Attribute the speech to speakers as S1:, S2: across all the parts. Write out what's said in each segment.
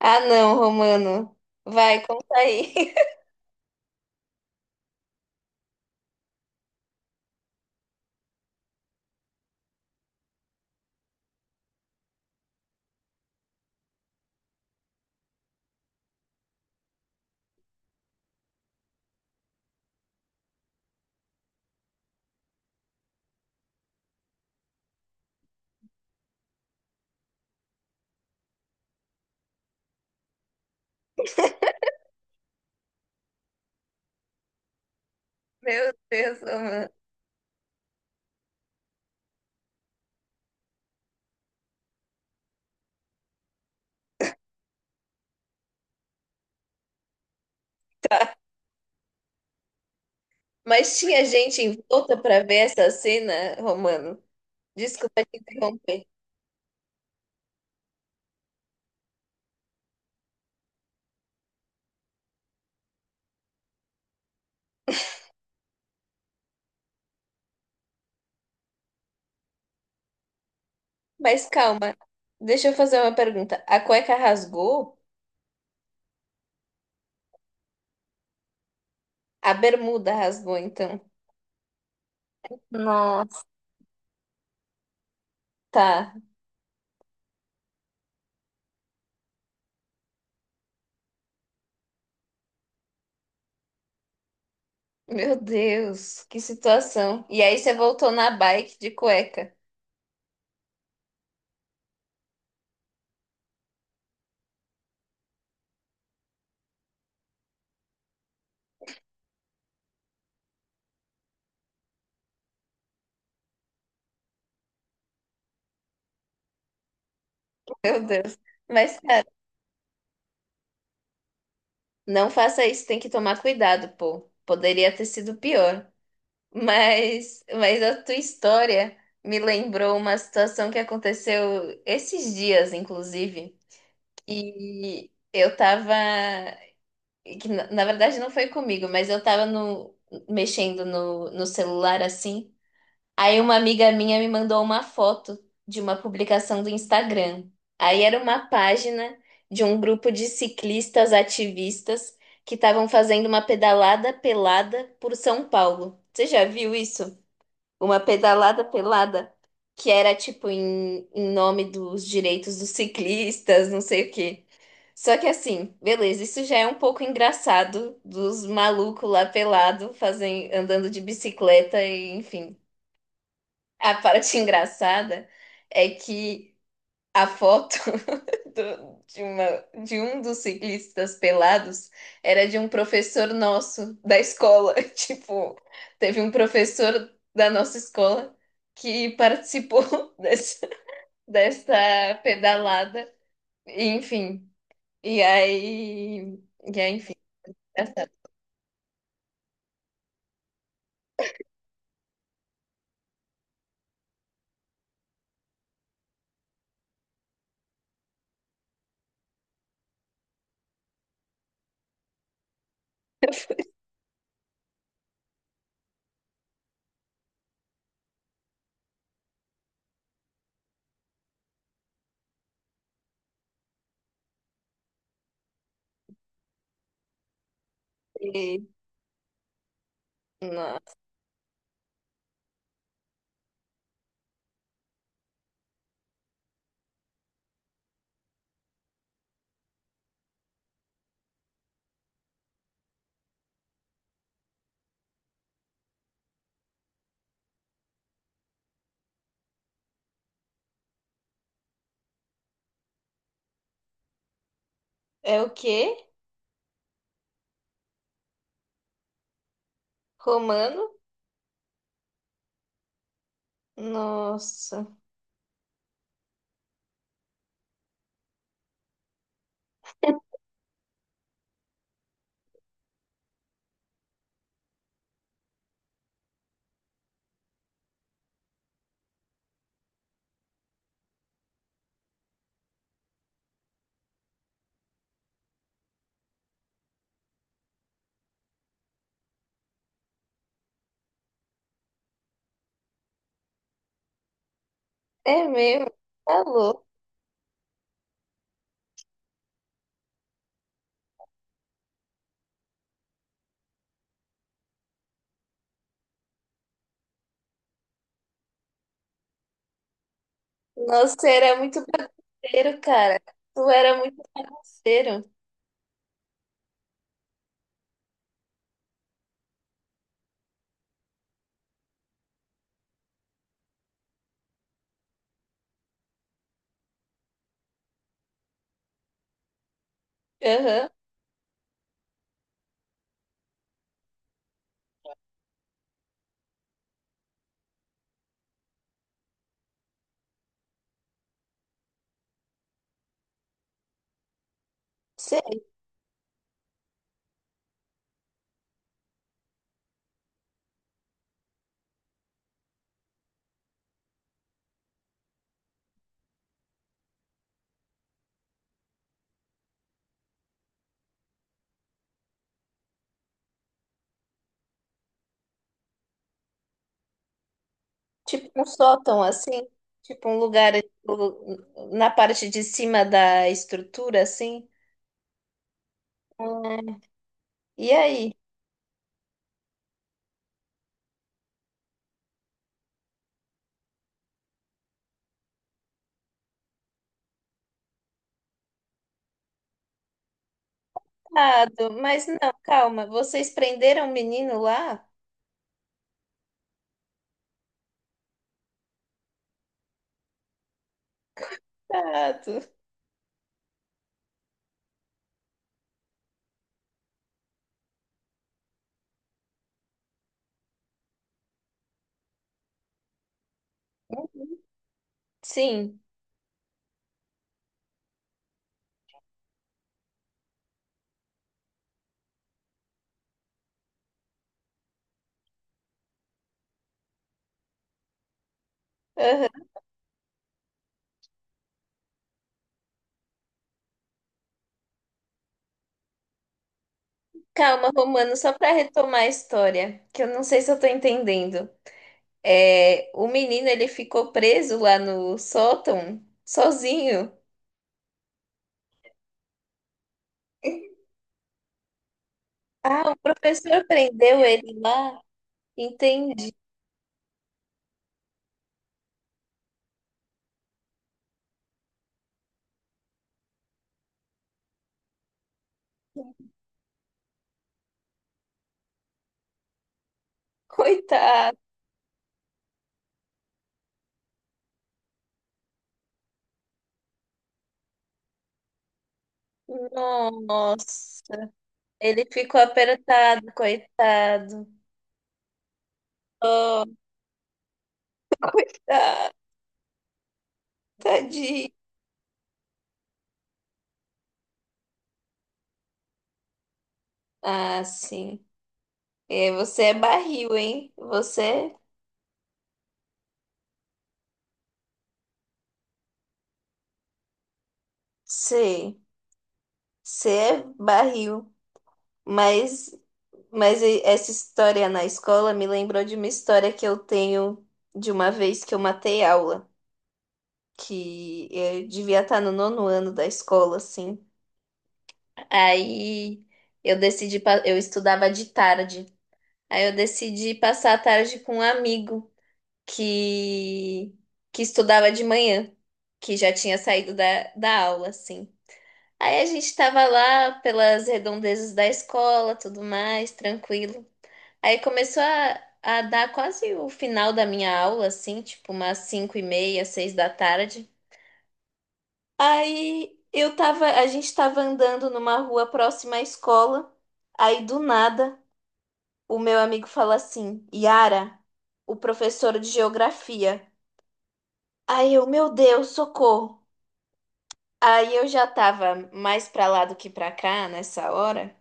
S1: Ah, não, Romano. Vai, conta aí. Meu Deus, Romano. Mas tinha gente em volta para ver essa cena, Romano? Desculpa te interromper. Mas calma, deixa eu fazer uma pergunta. A cueca rasgou? A bermuda rasgou, então. Nossa. Tá. Meu Deus, que situação. E aí você voltou na bike de cueca. Meu Deus. Mas, cara, não faça isso, tem que tomar cuidado, pô. Poderia ter sido pior. Mas a tua história me lembrou uma situação que aconteceu esses dias, inclusive. E eu tava, que na verdade não foi comigo, mas eu tava no, mexendo no celular assim. Aí uma amiga minha me mandou uma foto de uma publicação do Instagram. Aí era uma página de um grupo de ciclistas ativistas que estavam fazendo uma pedalada pelada por São Paulo. Você já viu isso? Uma pedalada pelada que era tipo em nome dos direitos dos ciclistas, não sei o quê. Só que assim, beleza, isso já é um pouco engraçado dos malucos lá pelado fazem, andando de bicicleta e enfim. A parte engraçada é que a foto do- de uma, de um dos ciclistas pelados era de um professor nosso da escola. Tipo, teve um professor da nossa escola que participou dessa pedalada. Enfim, e aí, e aí, enfim, engraçado. E, nossa, é o quê? Romano? Nossa, é mesmo, tá louco. Nossa, você era muito bagunceiro, cara. Tu era muito bagunceiro. Aham. Sei, tipo um sótão assim, tipo um lugar tipo, na parte de cima da estrutura assim. Ah, e aí? Tado, mas não, calma, vocês prenderam o menino lá? Tado. Sim. Aham. Calma, Romano, só para retomar a história, que eu não sei se eu tô entendendo. É, o menino ele ficou preso lá no sótão sozinho. Ah, o professor prendeu ele lá. Entendi. Coitado. Nossa, ele ficou apertado, coitado. Oh, coitado, tadinho. Ah, sim. É, você é barril, hein? Você, sei, você é barril. Mas, mas essa história na escola me lembrou de uma história que eu tenho de uma vez que eu matei aula, que eu devia estar no nono ano da escola, assim. Aí eu decidi, eu estudava de tarde. Aí eu decidi passar a tarde com um amigo que, que estudava de manhã, que já tinha saído da aula, assim. Aí a gente tava lá pelas redondezas da escola, tudo mais, tranquilo. Aí começou a dar quase o final da minha aula, assim, tipo umas 5:30, 6 da tarde. A gente tava andando numa rua próxima à escola. Aí do nada o meu amigo fala assim, Yara, o professor de geografia. Aí eu, meu Deus, socorro. Aí eu já tava mais pra lá do que pra cá nessa hora.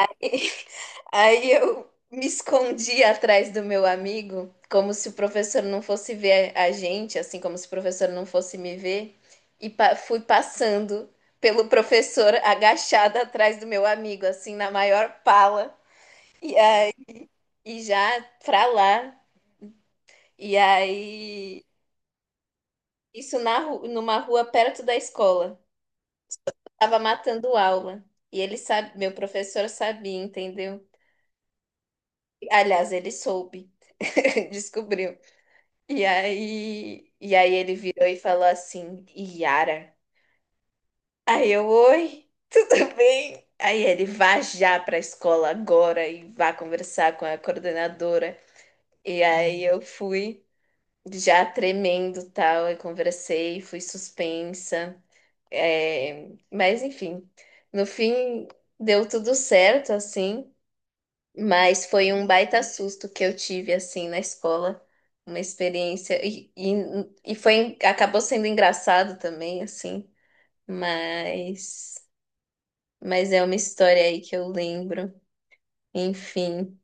S1: Aí eu me escondi atrás do meu amigo, como se o professor não fosse ver a gente, assim como se o professor não fosse me ver, e fui passando pelo professor agachada atrás do meu amigo, assim, na maior pala. E aí, e já pra lá. E aí. Isso numa rua perto da escola. Tava matando aula. E ele sabe, meu professor sabia, entendeu? Aliás, ele soube. Descobriu. E aí, ele virou e falou assim: Yara. Aí eu, oi, tudo bem? Aí ele vá já pra escola agora e vá conversar com a coordenadora. E aí eu fui já tremendo, tal, e conversei, fui suspensa. É, mas enfim, no fim deu tudo certo, assim, mas foi um baita susto que eu tive, assim, na escola, uma experiência, e foi, acabou sendo engraçado também, assim, mas, mas é uma história aí que eu lembro, enfim.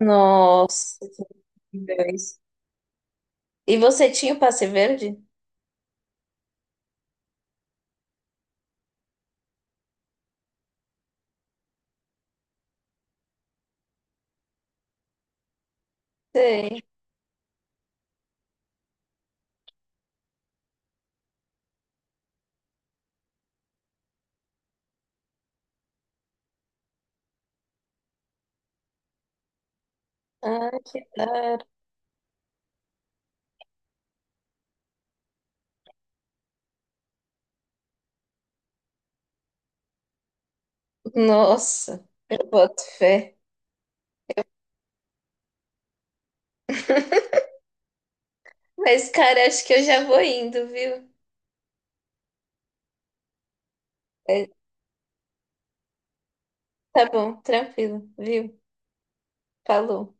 S1: Nossa, que dois. E você tinha o passe verde? Sei. Ah, que da hora. Nossa, eu boto fé. Mas, cara, acho que eu já vou indo, viu? É, tá bom, tranquilo, viu? Falou.